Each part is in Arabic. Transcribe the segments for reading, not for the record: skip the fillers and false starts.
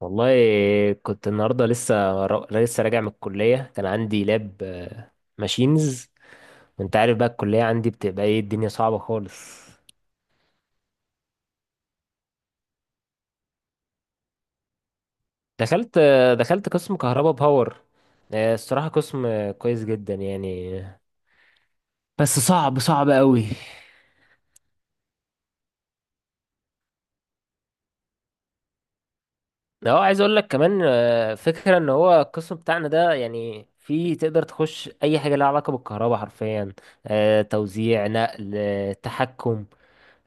والله، كنت النهارده لسه راجع من الكليه، كان عندي لاب ماشينز. وانت عارف بقى الكليه عندي بتبقى ايه، الدنيا صعبه خالص. دخلت دخلت قسم كهرباء باور. الصراحه قسم كويس جدا يعني، بس صعب، صعب قوي. اه عايز اقول لك كمان، فكره ان هو القسم بتاعنا ده، يعني في تقدر تخش اي حاجه لها علاقه بالكهرباء حرفيا. توزيع، نقل، تحكم،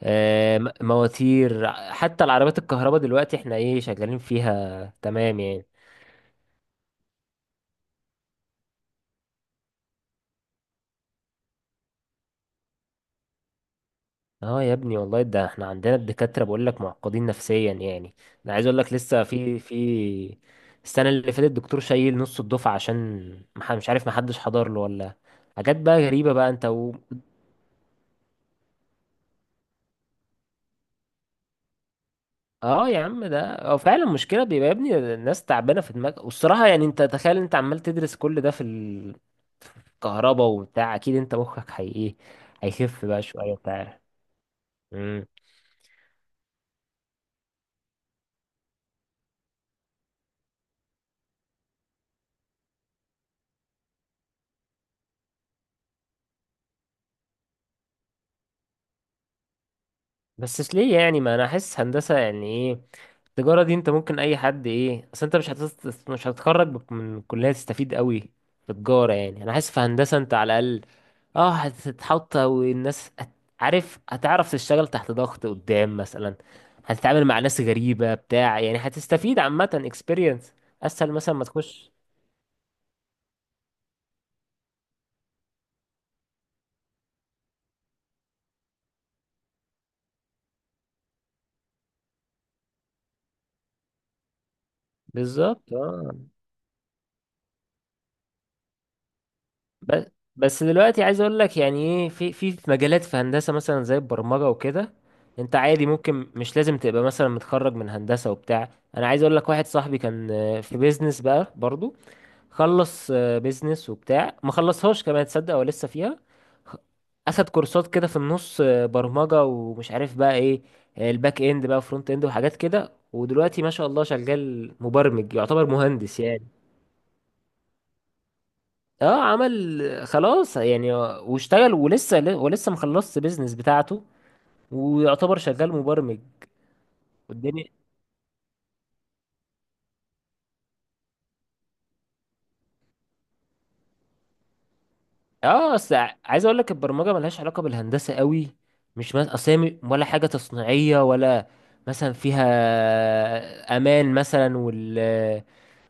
مواتير، حتى العربيات الكهرباء دلوقتي احنا ايه شغالين فيها، تمام يعني. اه يا ابني والله، ده احنا عندنا الدكاترة بقول لك معقدين نفسيا يعني. انا عايز اقول لك لسه، في السنة اللي فاتت، الدكتور شايل نص الدفعة عشان مش عارف محدش حضر له، ولا حاجات بقى غريبة بقى انت و... اه يا عم، ده اه فعلا مشكلة. بيبقى يا ابني الناس تعبانة في دماغها. والصراحة يعني انت تخيل، انت عمال تدرس كل ده في الكهرباء وبتاع، اكيد انت مخك هي ايه، هيخف بقى شوية بتاع. مم. بس ليه يعني؟ ما انا احس هندسه، يعني ايه التجاره دي؟ انت ممكن اي حد، ايه اصل انت مش هتتخرج من الكليه تستفيد قوي في تجاره يعني. انا حاسس في هندسه انت على الاقل اه هتتحط، عارف، هتعرف تشتغل تحت ضغط قدام مثلا، هتتعامل مع ناس غريبه بتاع، يعني هتستفيد، عامه experience اسهل مثلا ما تخش. بالظبط اه. بس بس دلوقتي عايز اقول لك، يعني ايه، في مجالات في هندسه مثلا زي البرمجه وكده، انت عادي ممكن مش لازم تبقى مثلا متخرج من هندسه وبتاع. انا عايز اقول لك، واحد صاحبي كان في بيزنس بقى برضو، خلص بيزنس وبتاع، ما خلصهاش كمان، تصدق هو لسه فيها. خ- اخد كورسات كده في النص، برمجه ومش عارف بقى ايه، الباك اند بقى، فرونت اند وحاجات كده، ودلوقتي ما شاء الله شغال مبرمج، يعتبر مهندس يعني. اه عمل خلاص يعني، واشتغل، ولسه مخلصش بيزنس بتاعته، ويعتبر شغال مبرمج. والدنيا اه اصل عايز اقول لك البرمجه ملهاش علاقه بالهندسه قوي. مش مثلا، اصل هي ولا حاجه تصنيعيه، ولا مثلا فيها امان مثلا، وال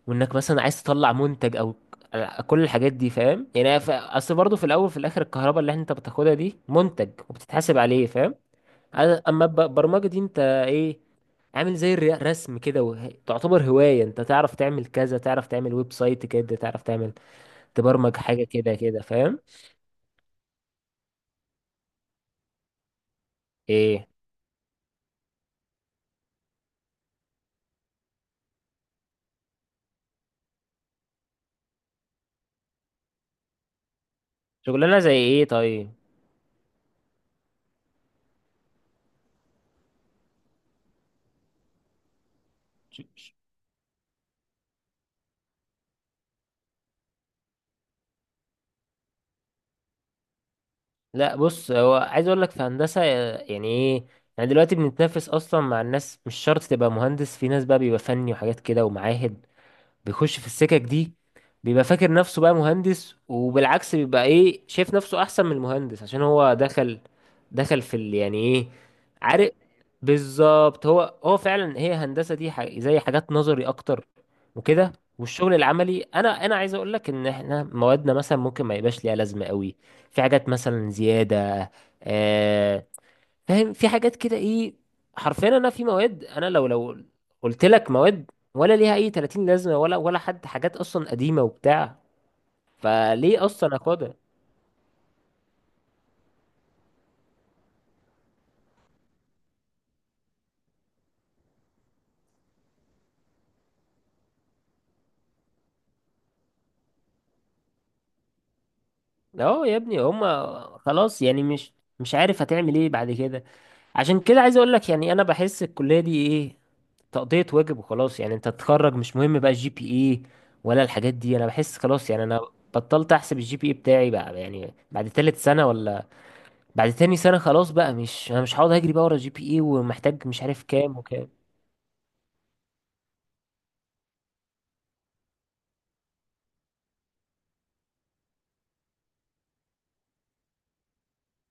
وانك مثلا عايز تطلع منتج، او كل الحاجات دي، فاهم يعني؟ اصل برضه في الاول في الاخر الكهرباء اللي انت بتاخدها دي منتج وبتتحاسب عليه، فاهم؟ اما البرمجه دي انت ايه، عامل زي الرسم كده. تعتبر هوايه، انت تعرف تعمل كذا، تعرف تعمل ويب سايت كده، تعرف تعمل تبرمج حاجه كده كده، فاهم؟ ايه شغلانه زي ايه طيب؟ لا بص، هو عايز اقول لك في هندسه يعني ايه، يعني دلوقتي بنتنافس اصلا مع الناس، مش شرط تبقى مهندس، في ناس بقى بيبقى فني وحاجات كده ومعاهد بيخش في السكك دي، بيبقى فاكر نفسه بقى مهندس، وبالعكس بيبقى ايه، شايف نفسه احسن من المهندس عشان هو دخل، دخل في ال يعني ايه، عارف. بالظبط، هو فعلا هي هندسة دي زي حاجات نظري اكتر وكده. والشغل العملي انا عايز اقول لك ان احنا موادنا مثلا ممكن ما يبقاش ليها لازمة قوي، في حاجات مثلا زيادة، آه، فاهم؟ في حاجات كده ايه، حرفيا انا في مواد، انا لو قلت لك مواد ولا ليها اي 30 لازمه، ولا ولا حد، حاجات اصلا قديمه وبتاع، فليه اصلا اخدها؟ اه يا ابني هما خلاص يعني، مش مش عارف هتعمل ايه بعد كده. عشان كده عايز اقول لك يعني، انا بحس الكليه دي ايه، تقضيه واجب وخلاص يعني، انت تتخرج مش مهم بقى الجي بي اي ولا الحاجات دي، انا بحس خلاص يعني. انا بطلت احسب الجي بي اي بتاعي بقى، يعني بعد تالت سنه، ولا بعد تاني سنة خلاص بقى، مش انا مش هقعد اجري بقى ورا جي بي اي ومحتاج مش عارف كام وكام.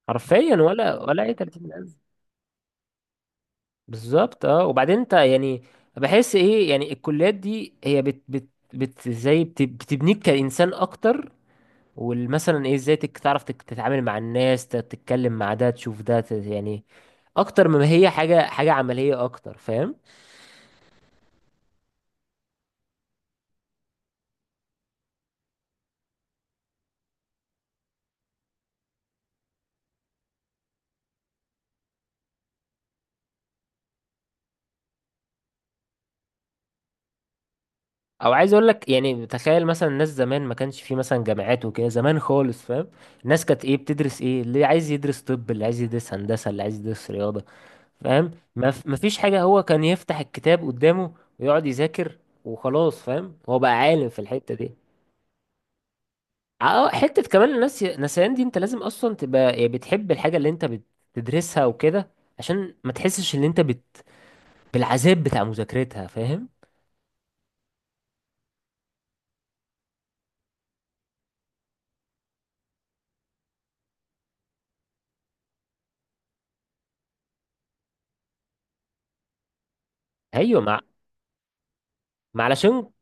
حرفيا ولا ولا اي 30 ألف. بالظبط اه. وبعدين انت يعني بحس ايه، يعني الكليات دي هي بت زي بت بتبنيك كإنسان اكتر، والمثلا ايه، ازاي تعرف تتعامل مع الناس، تتكلم مع ده، تشوف ده، يعني اكتر مما هي حاجة، حاجة عملية اكتر، فاهم؟ او عايز اقول لك يعني، تخيل مثلا الناس زمان ما كانش في مثلا جامعات وكده زمان خالص، فاهم؟ الناس كانت ايه، بتدرس، ايه اللي عايز يدرس طب، اللي عايز يدرس هندسة، اللي عايز يدرس رياضة، فاهم؟ ما فيش حاجة، هو كان يفتح الكتاب قدامه ويقعد يذاكر وخلاص، فاهم؟ هو بقى عالم في الحتة دي. اه حتة كمان الناس نسيان دي، انت لازم اصلا تبقى يعني بتحب الحاجة اللي انت بتدرسها وكده، عشان ما تحسش ان انت بت... بالعذاب بتاع مذاكرتها، فاهم؟ ايوه، مع ما علشان،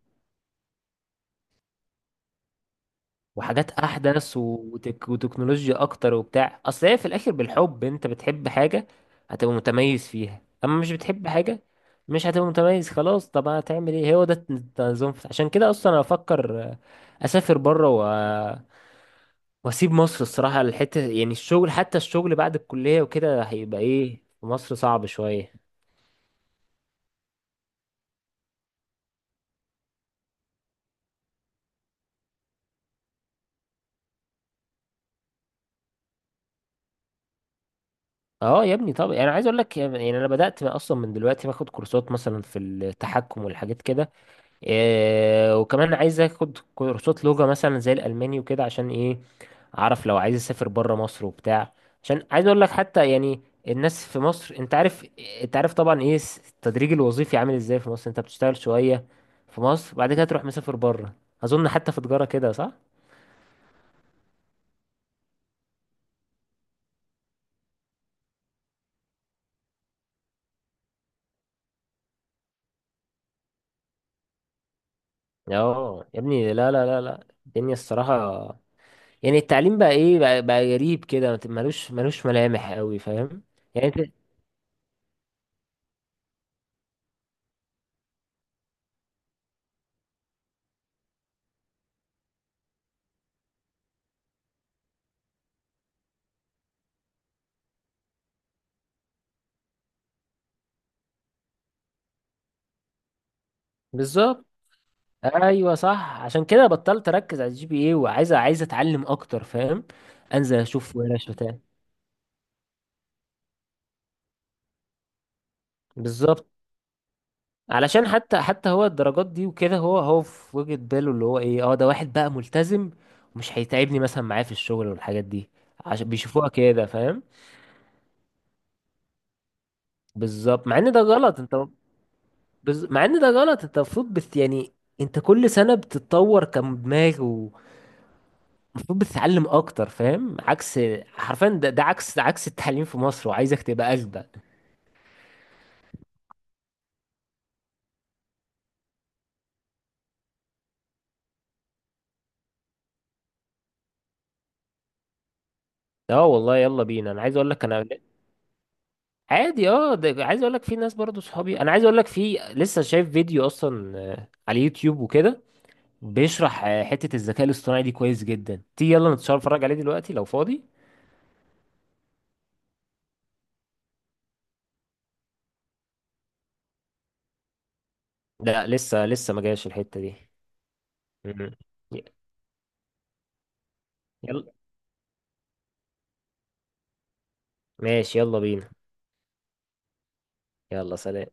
وحاجات احدث وتك وتكنولوجيا اكتر وبتاع، اصل هي في الاخر بالحب، انت بتحب حاجه هتبقى متميز فيها، اما مش بتحب حاجه مش هتبقى متميز. خلاص طب هتعمل ايه، هو ده التنظيم عشان كده اصلا انا افكر اسافر بره و... واسيب مصر الصراحه، الحته يعني الشغل حتى، الشغل بعد الكليه وكده هيبقى ايه في مصر، صعب شويه. اه يا ابني، طب انا عايز اقول لك، يعني انا بدات اصلا من دلوقتي باخد كورسات مثلا في التحكم والحاجات كده. إيه وكمان عايز اخد كورسات لغة مثلا زي الألماني وكده، عشان ايه، اعرف لو عايز اسافر بره مصر وبتاع. عشان عايز اقول لك حتى يعني الناس في مصر، انت عارف، انت عارف طبعا ايه التدريج الوظيفي عامل ازاي في مصر، انت بتشتغل شوية في مصر، بعد كده تروح مسافر بره. اظن حتى في تجارة كده صح؟ اه يا ابني، لا لا لا لا، الدنيا الصراحة يعني التعليم بقى ايه بقى, بقى غريب كده، ملوش ملوش ملامح قوي، فاهم يعني انت؟ بالظبط. ايوه صح، عشان كده بطلت اركز على الجي بي اي، وعايز، عايز اتعلم اكتر، فاهم؟ انزل اشوف ورش بتاع. بالظبط، علشان حتى حتى هو الدرجات دي وكده، هو في وجهة باله اللي هو ايه، اه ده واحد بقى ملتزم ومش هيتعبني مثلا معاه في الشغل والحاجات دي، عشان بيشوفوها كده فاهم. بالظبط، مع ان ده غلط انت مع ان ده غلط، انت المفروض بت... يعني انت كل سنة بتتطور كدماغ، ومفروض بتتعلم اكتر، فاهم؟ عكس، حرفيا ده عكس، ده عكس التعليم في مصر، وعايزك تبقى اجدد. اه والله يلا بينا. انا عايز اقول لك انا عادي، اه ده عايز اقول لك في ناس برضو صحابي، انا عايز اقول لك في، لسه شايف فيديو اصلا على يوتيوب وكده بيشرح حتة الذكاء الاصطناعي دي، كويس جدا. تيجي يلا نتشرف نتفرج عليه دلوقتي لو فاضي؟ لا لسه ما جاش الحتة دي. مم. يلا، ماشي يلا بينا، يلا سلام.